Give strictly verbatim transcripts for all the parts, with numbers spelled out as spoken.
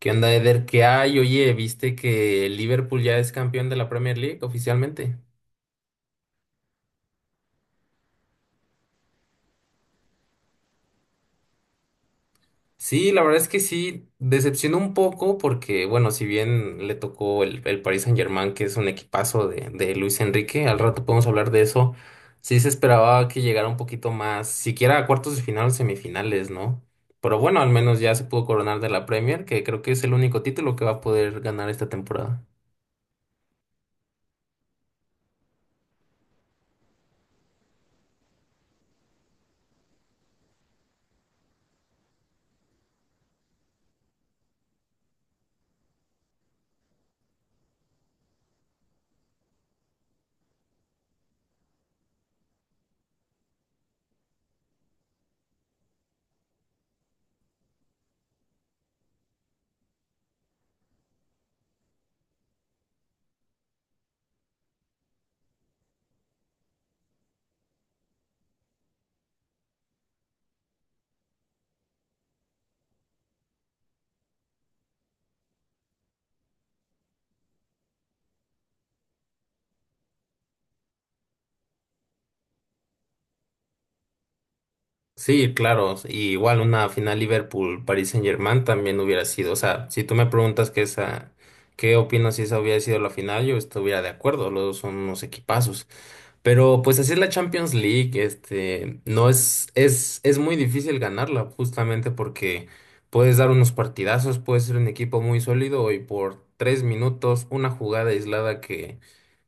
¿Qué onda, Eder? ¿Qué hay? Oye, ¿viste que el Liverpool ya es campeón de la Premier League oficialmente? Sí, la verdad es que sí, decepcionó un poco porque, bueno, si bien le tocó el, el Paris Saint-Germain, que es un equipazo de, de Luis Enrique, al rato podemos hablar de eso, sí se esperaba que llegara un poquito más, siquiera a cuartos de final o semifinales, ¿no? Pero bueno, al menos ya se pudo coronar de la Premier, que creo que es el único título que va a poder ganar esta temporada. Sí, claro, y igual una final Liverpool-Paris Saint-Germain también hubiera sido, o sea, si tú me preguntas que esa, qué opino si esa hubiera sido la final, yo estuviera de acuerdo, los dos son unos equipazos, pero pues así es la Champions League, este, no es, es, es muy difícil ganarla justamente porque puedes dar unos partidazos, puedes ser un equipo muy sólido y por tres minutos una jugada aislada que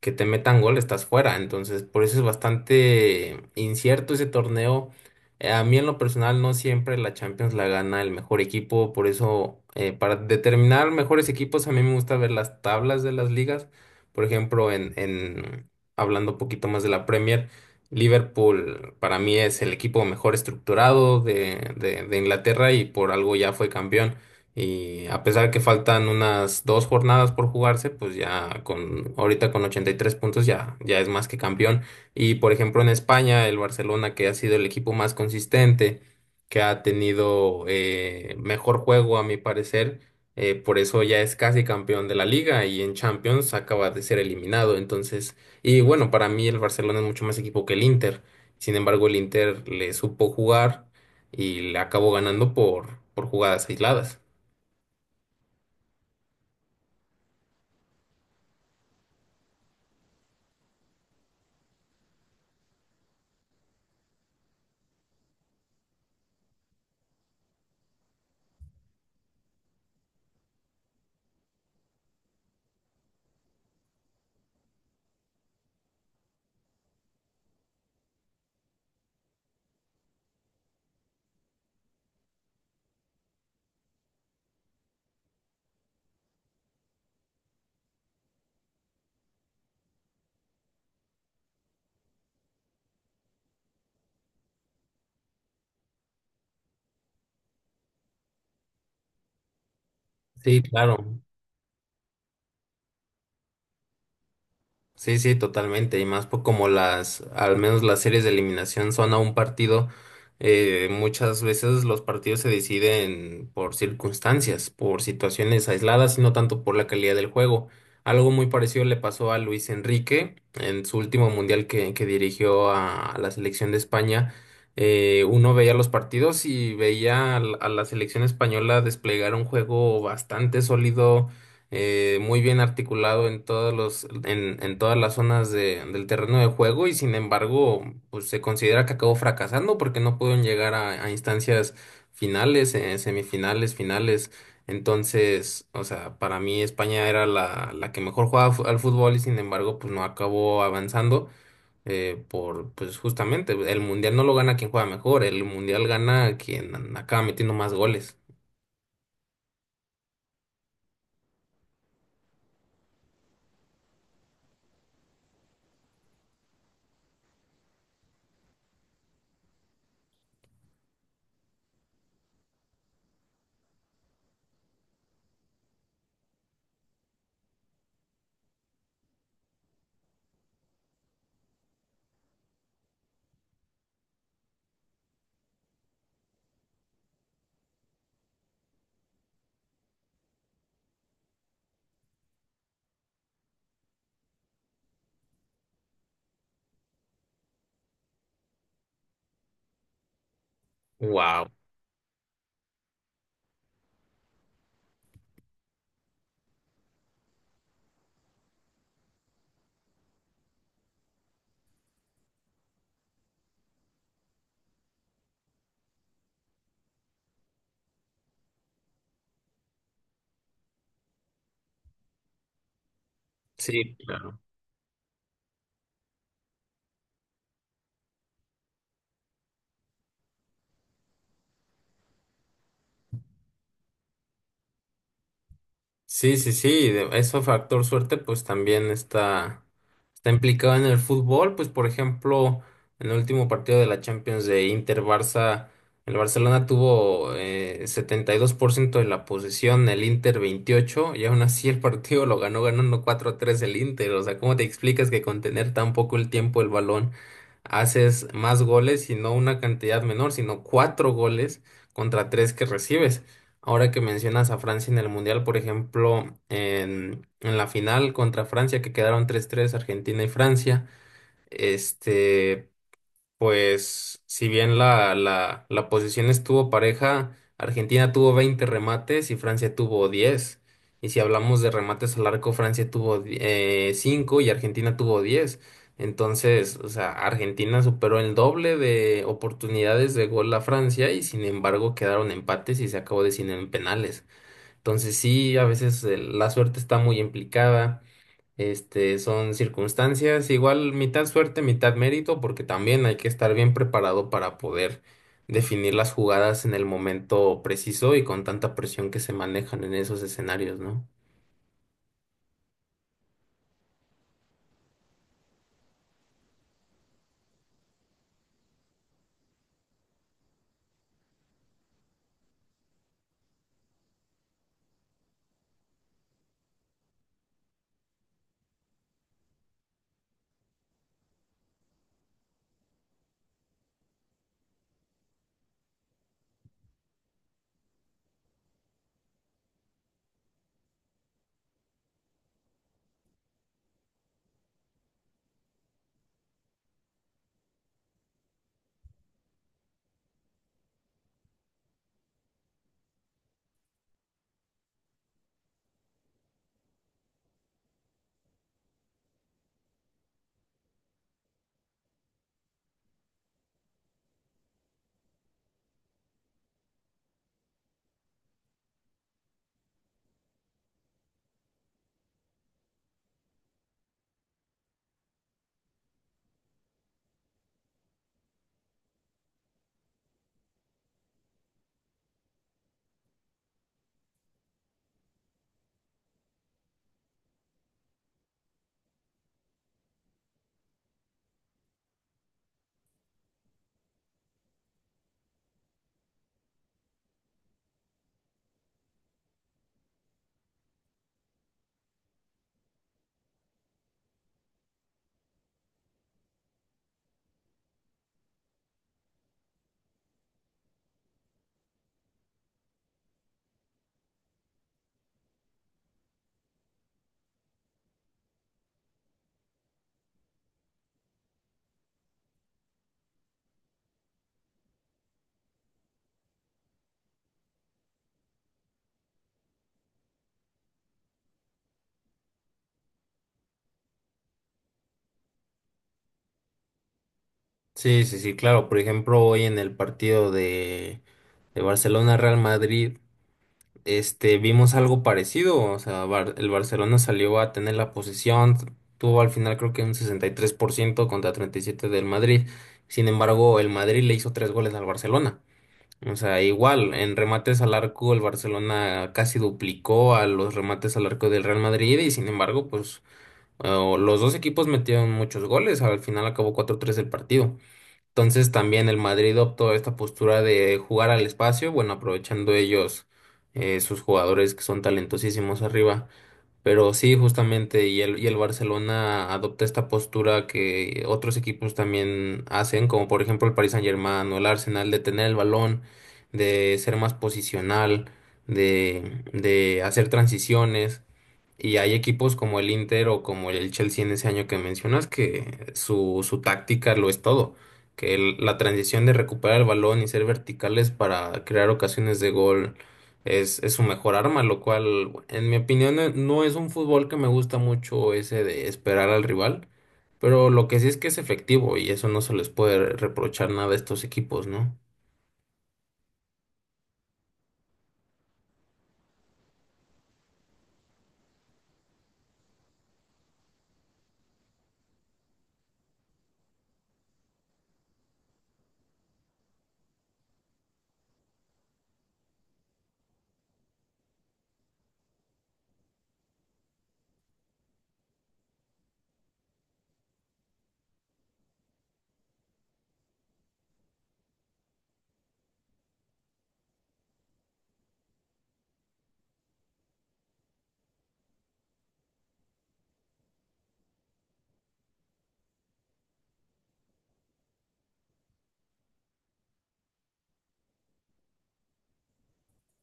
que te metan gol, estás fuera. Entonces, por eso es bastante incierto ese torneo. Eh, A mí en lo personal no siempre la Champions la gana el mejor equipo, por eso eh, para determinar mejores equipos a mí me gusta ver las tablas de las ligas. Por ejemplo, en, en hablando un poquito más de la Premier, Liverpool para mí es el equipo mejor estructurado de, de de Inglaterra y por algo ya fue campeón. Y a pesar que faltan unas dos jornadas por jugarse, pues ya con ahorita con ochenta y tres puntos ya, ya es más que campeón. Y por ejemplo en España, el Barcelona, que ha sido el equipo más consistente, que ha tenido eh, mejor juego a mi parecer, eh, por eso ya es casi campeón de la liga y en Champions acaba de ser eliminado. Entonces, y bueno, para mí el Barcelona es mucho más equipo que el Inter. Sin embargo, el Inter le supo jugar y le acabó ganando por, por jugadas aisladas. Sí, claro. Sí, sí, totalmente. Y más por como las, al menos las series de eliminación son a un partido, eh, muchas veces los partidos se deciden por circunstancias, por situaciones aisladas y no tanto por la calidad del juego. Algo muy parecido le pasó a Luis Enrique en su último mundial que, que dirigió a, a la selección de España. Eh, uno veía los partidos y veía a la a la selección española desplegar un juego bastante sólido, eh, muy bien articulado en todos los, en, en todas las zonas de- del terreno de juego y sin embargo, pues se considera que acabó fracasando porque no pudieron llegar a, a instancias finales, eh, semifinales, finales. Entonces, o sea, para mí España era la, la que mejor jugaba fu- al fútbol y sin embargo, pues no acabó avanzando. Eh, por, pues justamente, el mundial no lo gana quien juega mejor, el mundial gana quien acaba metiendo más goles. Wow. Sí, claro. Sí, sí, sí, de- eso factor suerte pues también está, está implicado en el fútbol, pues por ejemplo, en el último partido de la Champions de Inter-Barça, el Barcelona tuvo eh, setenta y dos por ciento de la posesión, el Inter veintiocho, y aún así el partido lo ganó ganando cuatro a tres el Inter, o sea, ¿cómo te explicas que con tener tan poco el tiempo el balón haces más goles y no una cantidad menor, sino cuatro goles contra tres que recibes? Ahora que mencionas a Francia en el Mundial, por ejemplo, en, en la final contra Francia, que quedaron tres tres, Argentina y Francia, este, pues si bien la, la, la posición estuvo pareja, Argentina tuvo veinte remates y Francia tuvo diez. Y si hablamos de remates al arco, Francia tuvo eh, cinco y Argentina tuvo diez. Entonces, o sea, Argentina superó el doble de oportunidades de gol a Francia y sin embargo quedaron empates y se acabó decidiendo en penales. Entonces sí, a veces eh, la suerte está muy implicada, este, son circunstancias, igual mitad suerte, mitad mérito, porque también hay que estar bien preparado para poder definir las jugadas en el momento preciso y con tanta presión que se manejan en esos escenarios, ¿no? Sí, sí, sí, claro. Por ejemplo, hoy en el partido de, de Barcelona-Real Madrid, este, vimos algo parecido. O sea, Bar- el Barcelona salió a tener la posesión, tuvo al final creo que un sesenta y tres por ciento contra treinta y siete por ciento del Madrid. Sin embargo, el Madrid le hizo tres goles al Barcelona. O sea, igual, en remates al arco, el Barcelona casi duplicó a los remates al arco del Real Madrid y sin embargo, pues eh, los dos equipos metieron muchos goles. Al final acabó cuatro tres el partido. Entonces también el Madrid optó esta postura de jugar al espacio, bueno, aprovechando ellos eh, sus jugadores que son talentosísimos arriba. Pero sí, justamente, y el, y el Barcelona adopta esta postura que otros equipos también hacen, como por ejemplo el Paris Saint-Germain o el Arsenal, de tener el balón, de ser más posicional, de, de hacer transiciones. Y hay equipos como el Inter o como el Chelsea en ese año que mencionas que su, su táctica lo es todo. Que el- la transición de recuperar el balón y ser verticales para crear ocasiones de gol es, es su mejor arma, lo cual, en mi opinión, eh, no es un fútbol que me gusta mucho ese de esperar al rival, pero lo que sí es que es efectivo y eso no se les puede reprochar nada a estos equipos, ¿no?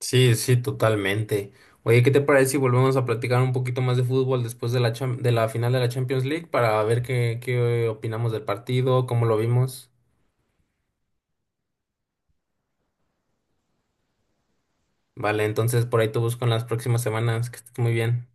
Sí, sí, totalmente. Oye, ¿qué te parece si volvemos a platicar un poquito más de fútbol después de la cham- de la final de la Champions League para ver qué, qué opinamos del partido, cómo lo vimos? Vale, entonces por ahí te busco en las próximas semanas. Que estés muy bien.